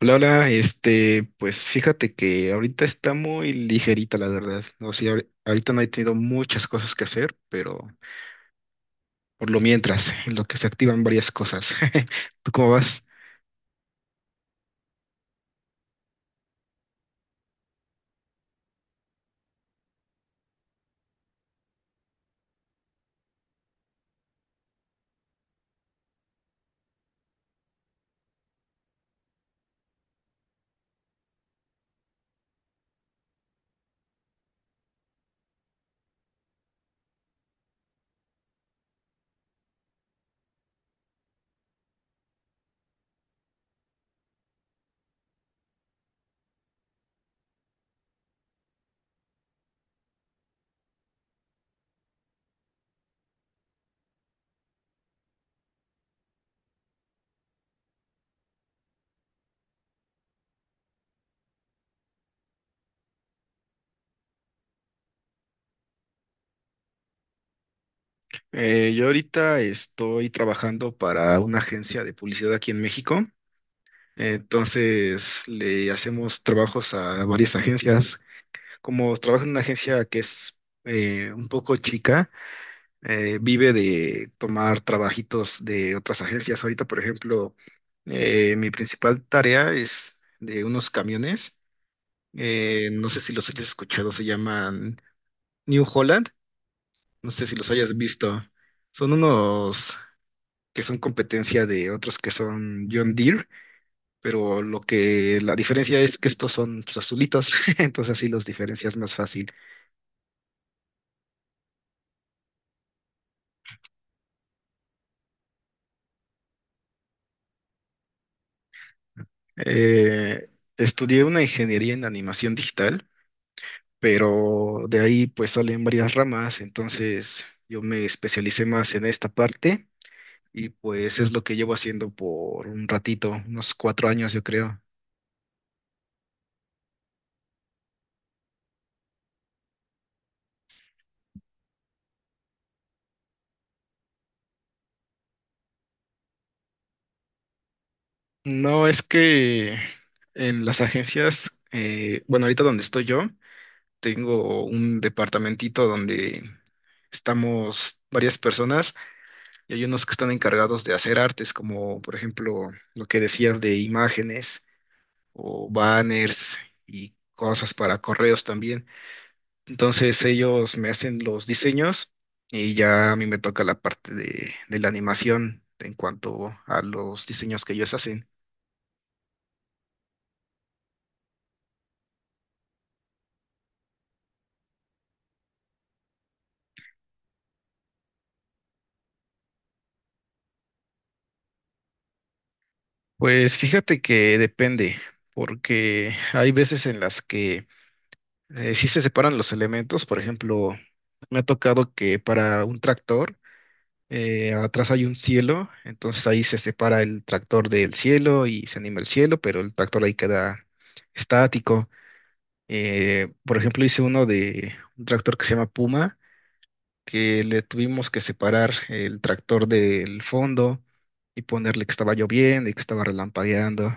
Hola, hola, pues fíjate que ahorita está muy ligerita, la verdad. O sea, ahorita no he tenido muchas cosas que hacer, pero por lo mientras, en lo que se activan varias cosas. ¿Tú cómo vas? Yo ahorita estoy trabajando para una agencia de publicidad aquí en México. Entonces, le hacemos trabajos a varias agencias. Como trabajo en una agencia que es un poco chica, vive de tomar trabajitos de otras agencias. Ahorita, por ejemplo, mi principal tarea es de unos camiones. No sé si los hayas escuchado, se llaman New Holland. No sé si los hayas visto. Son unos que son competencia de otros que son John Deere, pero lo que la diferencia es que estos son pues, azulitos, entonces así los diferencias más fácil. Eh, estudié una ingeniería en animación digital, pero de ahí pues salen varias ramas, entonces yo me especialicé más en esta parte y pues es lo que llevo haciendo por un ratito, unos 4 años yo creo. No, es que en las agencias, bueno, ahorita donde estoy yo, tengo un departamentito donde estamos varias personas y hay unos que están encargados de hacer artes, como por ejemplo lo que decías de imágenes o banners y cosas para correos también. Entonces ellos me hacen los diseños y ya a mí me toca la parte de la animación en cuanto a los diseños que ellos hacen. Pues fíjate que depende, porque hay veces en las que sí se separan los elementos. Por ejemplo, me ha tocado que para un tractor atrás hay un cielo, entonces ahí se separa el tractor del cielo y se anima el cielo, pero el tractor ahí queda estático. Por ejemplo, hice uno de un tractor que se llama Puma, que le tuvimos que separar el tractor del fondo y ponerle que estaba lloviendo y que estaba relampagueando.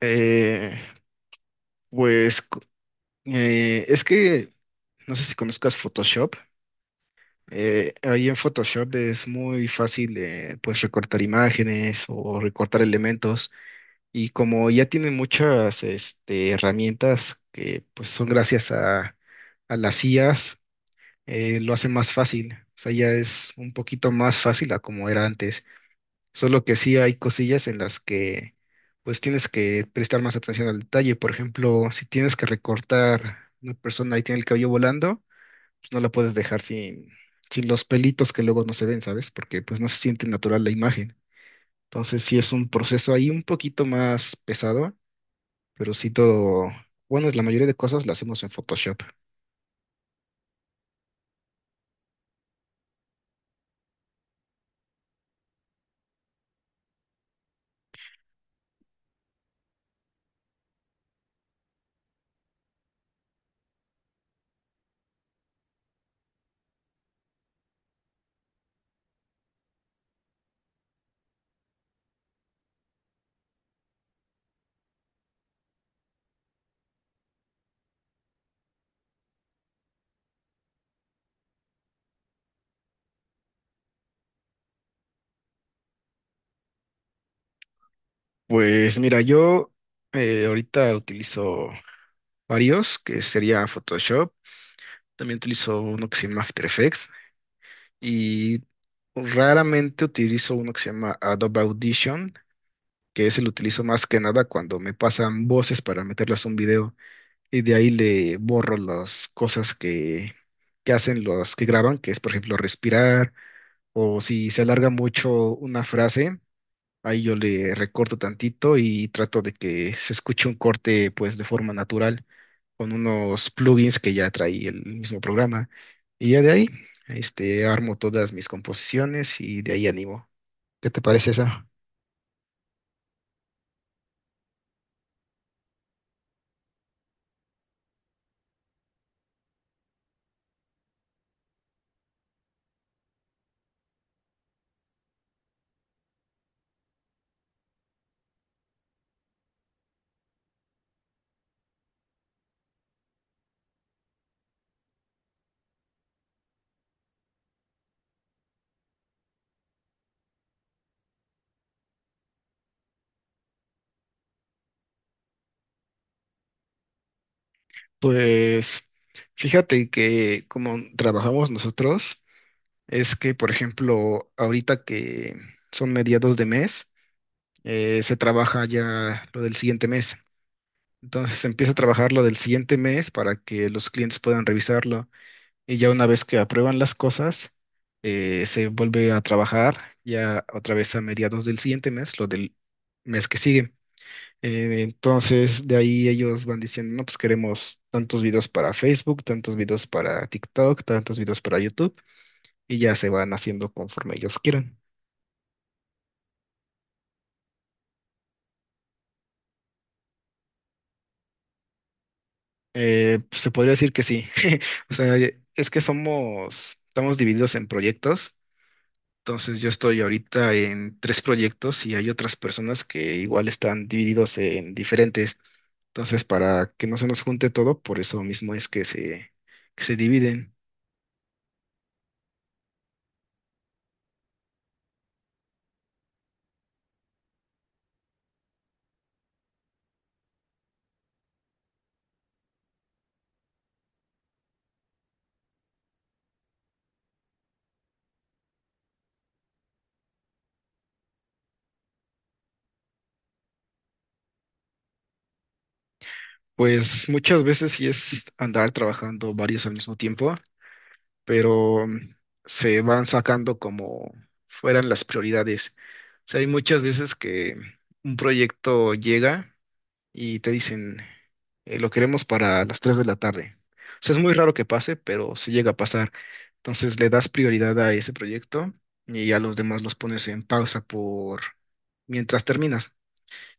Eh, pues es que no sé si conozcas Photoshop. Ahí en Photoshop es muy fácil, pues recortar imágenes o recortar elementos, y como ya tienen muchas herramientas que pues son gracias a las IAs, lo hace más fácil. O sea, ya es un poquito más fácil a como era antes. Solo que sí hay cosillas en las que pues tienes que prestar más atención al detalle. Por ejemplo, si tienes que recortar una persona y tiene el cabello volando, pues no la puedes dejar sin los pelitos que luego no se ven, ¿sabes? Porque pues no se siente natural la imagen. Entonces sí es un proceso ahí un poquito más pesado, pero sí todo, bueno, es la mayoría de cosas las hacemos en Photoshop. Pues mira, yo ahorita utilizo varios, que sería Photoshop. También utilizo uno que se llama After Effects y raramente utilizo uno que se llama Adobe Audition, que ese lo utilizo más que nada cuando me pasan voces para meterlas a un video y de ahí le borro las cosas que hacen los que graban, que es por ejemplo respirar o si se alarga mucho una frase. Ahí yo le recorto tantito y trato de que se escuche un corte pues de forma natural, con unos plugins que ya trae el mismo programa. Y ya de ahí, armo todas mis composiciones y de ahí animo. ¿Qué te parece esa? Pues fíjate que como trabajamos nosotros, es que, por ejemplo, ahorita que son mediados de mes, se trabaja ya lo del siguiente mes. Entonces se empieza a trabajar lo del siguiente mes para que los clientes puedan revisarlo. Y ya una vez que aprueban las cosas, se vuelve a trabajar ya otra vez a mediados del siguiente mes, lo del mes que sigue. Entonces, de ahí ellos van diciendo, no, pues queremos tantos videos para Facebook, tantos videos para TikTok, tantos videos para YouTube, y ya se van haciendo conforme ellos quieran. Pues, se podría decir que sí. O sea, es que somos, estamos divididos en proyectos. Entonces yo estoy ahorita en tres proyectos y hay otras personas que igual están divididos en diferentes. Entonces para que no se nos junte todo, por eso mismo es que que se dividen. Pues muchas veces sí es andar trabajando varios al mismo tiempo, pero se van sacando como fueran las prioridades. O sea, hay muchas veces que un proyecto llega y te dicen, lo queremos para las 3 de la tarde. O sea, es muy raro que pase, pero sí llega a pasar. Entonces le das prioridad a ese proyecto y ya los demás los pones en pausa por mientras terminas.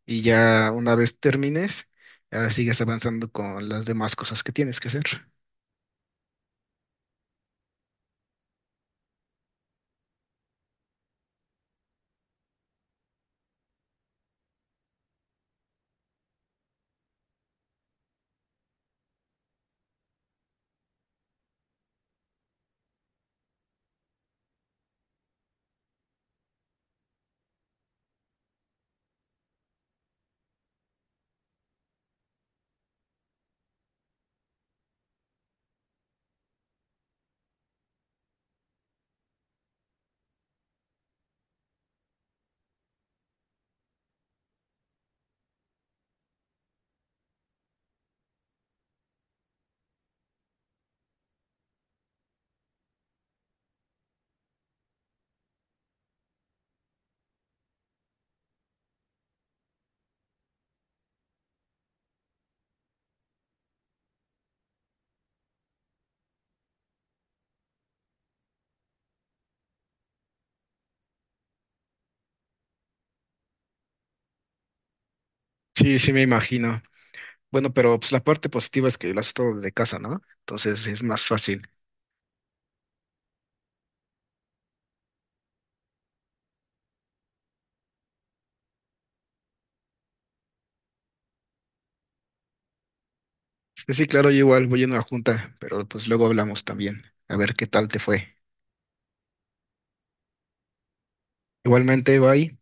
Y ya una vez termines, ya sigues avanzando con las demás cosas que tienes que hacer. Sí, sí, me imagino. Bueno, pero pues la parte positiva es que lo haces todo desde casa, ¿no? Entonces es más fácil. Sí, sí, claro, yo igual voy a una junta, pero pues luego hablamos también. A ver qué tal te fue. Igualmente, bye.